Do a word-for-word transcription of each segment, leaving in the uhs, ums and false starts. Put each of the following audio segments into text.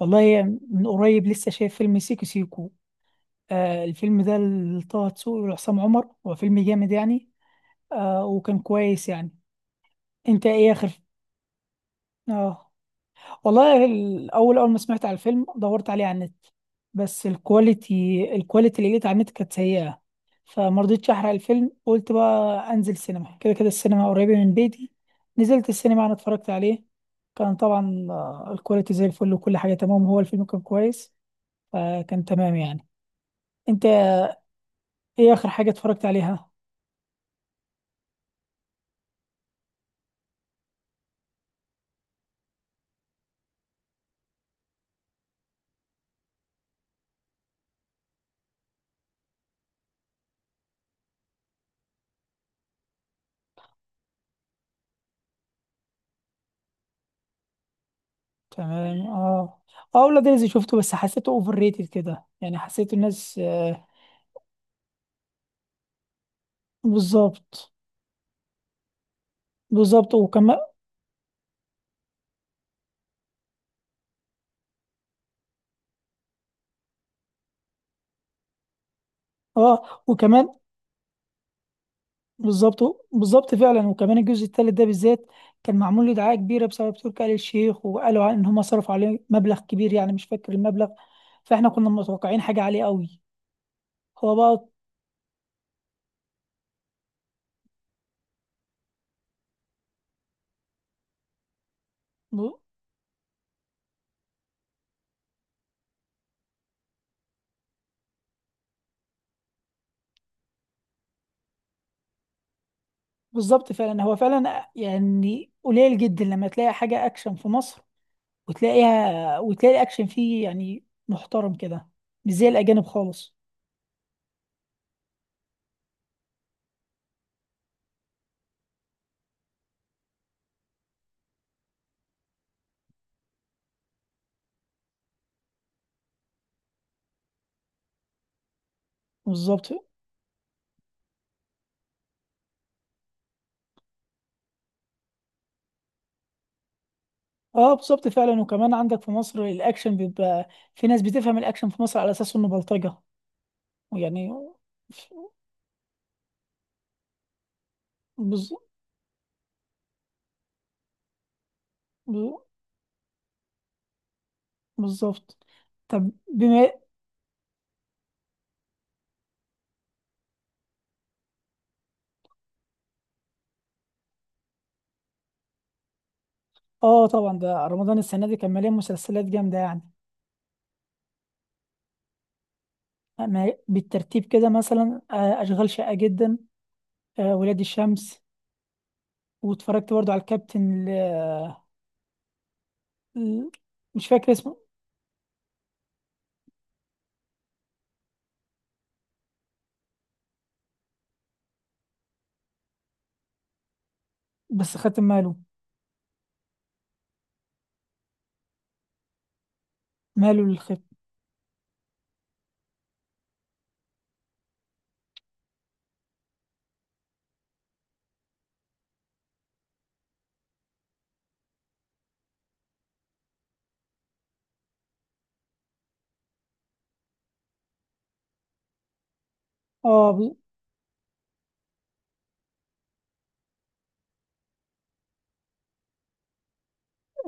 والله، من قريب لسه شايف فيلم سيكو سيكو. آه الفيلم ده لطه دسوقي وعصام عمر، هو فيلم جامد يعني. آه وكان كويس يعني. انت ايه اخر؟ اه والله الاول، اول ما سمعت على الفيلم دورت عليه على النت، بس الكواليتي الكواليتي اللي لقيت على النت كانت سيئة. فما رضيتش احرق الفيلم، قلت بقى انزل سينما، كده كده السينما قريبة من بيتي. نزلت السينما انا اتفرجت عليه. كان طبعا آه، الكواليتي زي الفل وكل حاجة تمام، هو الفيلم كان كويس. فكان تمام يعني. انت ايه اخر حاجه اتفرجت عليها؟ تمام اه. اه ولاد رزق شفته بس حسيته اوفر ريتد كده يعني، حسيت الناس آه. بالظبط، بالظبط وكمان. اه وكمان. بالظبط بالظبط فعلا وكمان الجزء الثالث ده بالذات كان معمول له دعايه كبيره بسبب تركي آل الشيخ، وقالوا عن- ان هم صرفوا عليه مبلغ كبير، يعني مش فاكر المبلغ. فاحنا كنا متوقعين حاجه عاليه قوي. هو بقى ب- بالظبط فعلا. هو فعلا يعني قليل جدا لما تلاقي حاجه اكشن في مصر، وتلاقيها وتلاقي الاكشن فيه يعني محترم كده، مش زي الاجانب خالص. بالظبط. اه بالظبط فعلا، وكمان عندك في مصر الاكشن بيبقى في ناس بتفهم الاكشن في مصر على اساس انه بلطجة، ويعني بز- ب- بالظبط. طب بما. اه طبعا ده رمضان السنه دي كان مليان مسلسلات جامده يعني. ما- بالترتيب كده مثلا آه، اشغال شاقه جدا، آه، ولاد الشمس، واتفرجت برضو على الكابتن ال- ال- مش فاكر اسمه. بس خدت ماله، ماله للخيب. اه بز-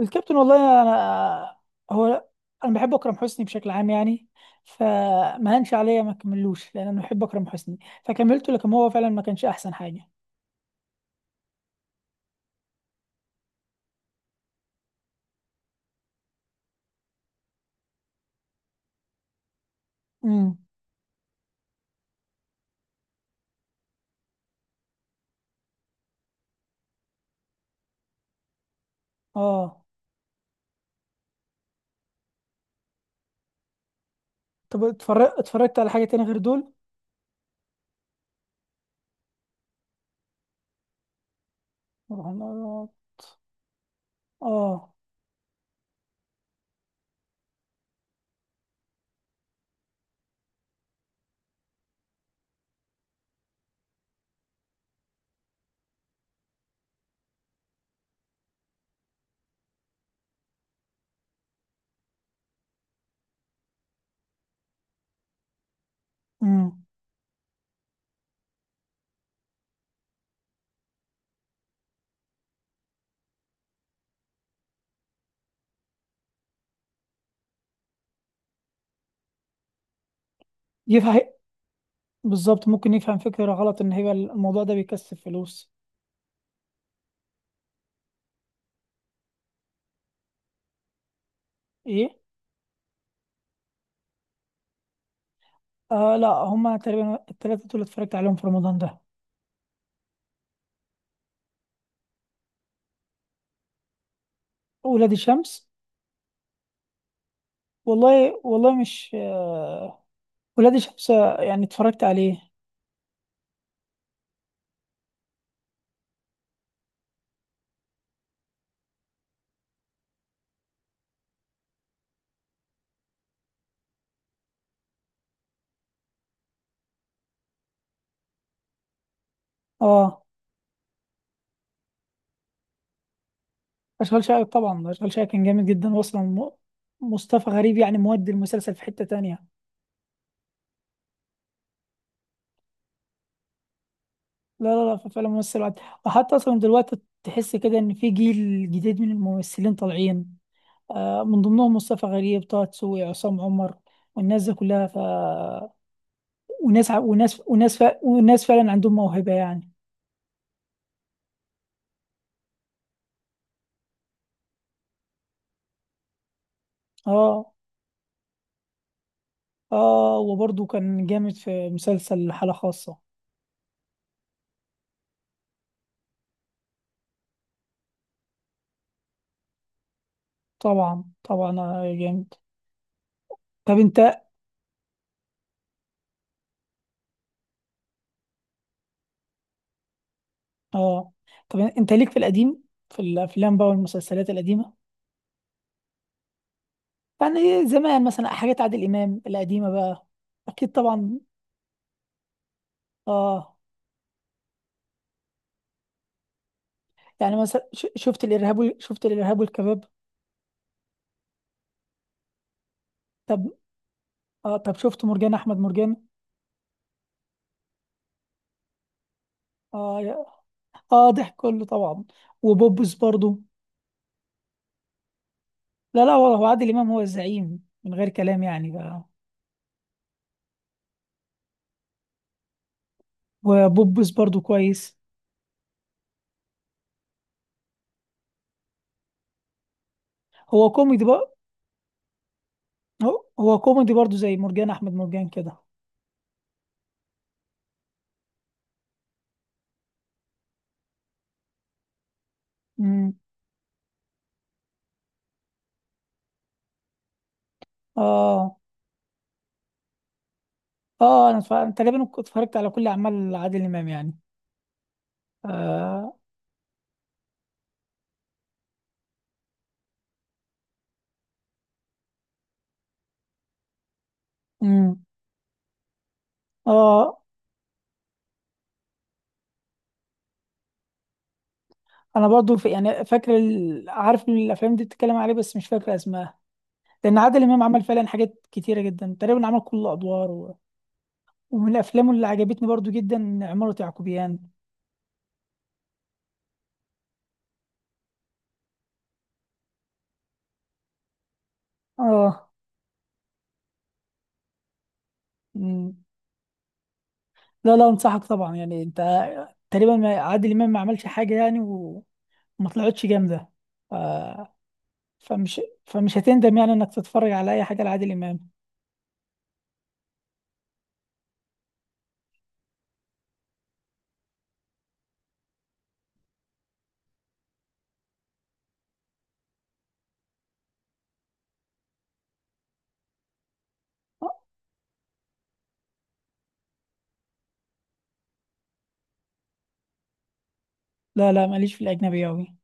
الكابتن والله انا، هو انا بحب اكرم حسني بشكل عام يعني، فما هنش عليا ما كملوش، لان انا بحب اكرم حسني فكملته، لكن هو فعلا ما كانش احسن حاجه. امم. اه طب اتفرجت اتفرجت على حاجه تانية غير دول؟ رهانات. اه. امم. يفهم. بالظبط، ممكن يفهم فكره غلط ان هي الموضوع ده بيكسب فلوس. ايه. آه لا، هما تقريبا التلاتة دول اتفرجت عليهم في رمضان ده. ولاد الشمس. والله والله مش آه، ولاد شمسة يعني اتفرجت عليه. اه. اشغال شقة، طبعا اشغال شقة كان جامد جدا، واصلا م- مصطفى غريب يعني مودي المسلسل في حتة تانية. لا لا لا، فعلا ممثل عاد. وحتى اصلا دلوقتي تحس كده ان في جيل جديد من الممثلين طالعين، آه من ضمنهم مصطفى غريب، طه دسوقي، عصام عمر، والناس دي كلها ف، وناس ع- وناس وناس ف... وناس فعلا عندهم موهبة يعني. اه. اه وبرضه كان جامد في مسلسل حالة خاصة. طبعا طبعا آه، جامد. طب انت. اه طب انت ليك في القديم، في الافلام بقى والمسلسلات القديمه؟ يعني زمان مثلا حاجات عادل امام القديمه بقى. اكيد طبعا. اه يعني مثلا ش- شفت الارهاب وال- شفت الارهاب والكباب؟ طب اه، طب شفت مرجان احمد مرجان؟ اه يا-. اه ضحك كله طبعا، وبوبس برضو. لا لا والله، هو عادل امام هو الزعيم من غير كلام يعني بقى. وبوبس برضو كويس، هو كوميدي بقى. هو هو كوميدي برضو زي مرجان احمد مرجان كده. مم. اه. اه انا اتفرج- تقريبا اتفرجت على كل اعمال عادل امام يعني. اه. امم. اه انا برضو في يعني فاكر ال- عارف الافلام دي بتتكلم عليه، بس مش فاكر اسمها، لان عادل امام عمل فعلا حاجات كتيره جدا، تقريبا عمل كل الادوار و... ومن افلامه اللي عجبتني برضو جدا عمارة يعقوبيان. اه. امم. لا لا، انصحك طبعا يعني. انت تقريبا ما- عادل امام ما عملش حاجه يعني وما طلعتش جامده آه. فمش فمش هتندم يعني انك تتفرج على اي حاجه لعادل امام. آه، لا لا ماليش في الاجنبي قوي.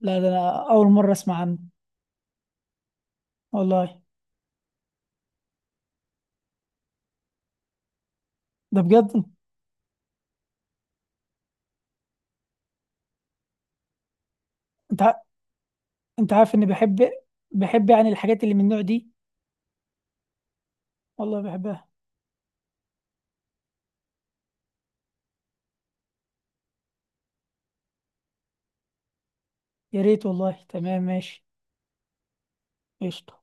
لا ده انا اول مره اسمع عنه. والله ده بجد. انت ع- انت عارف اني بحب، بحب يعني الحاجات اللي من النوع دي. والله بحبها. يا ريت والله، تمام ماشي. قشطه.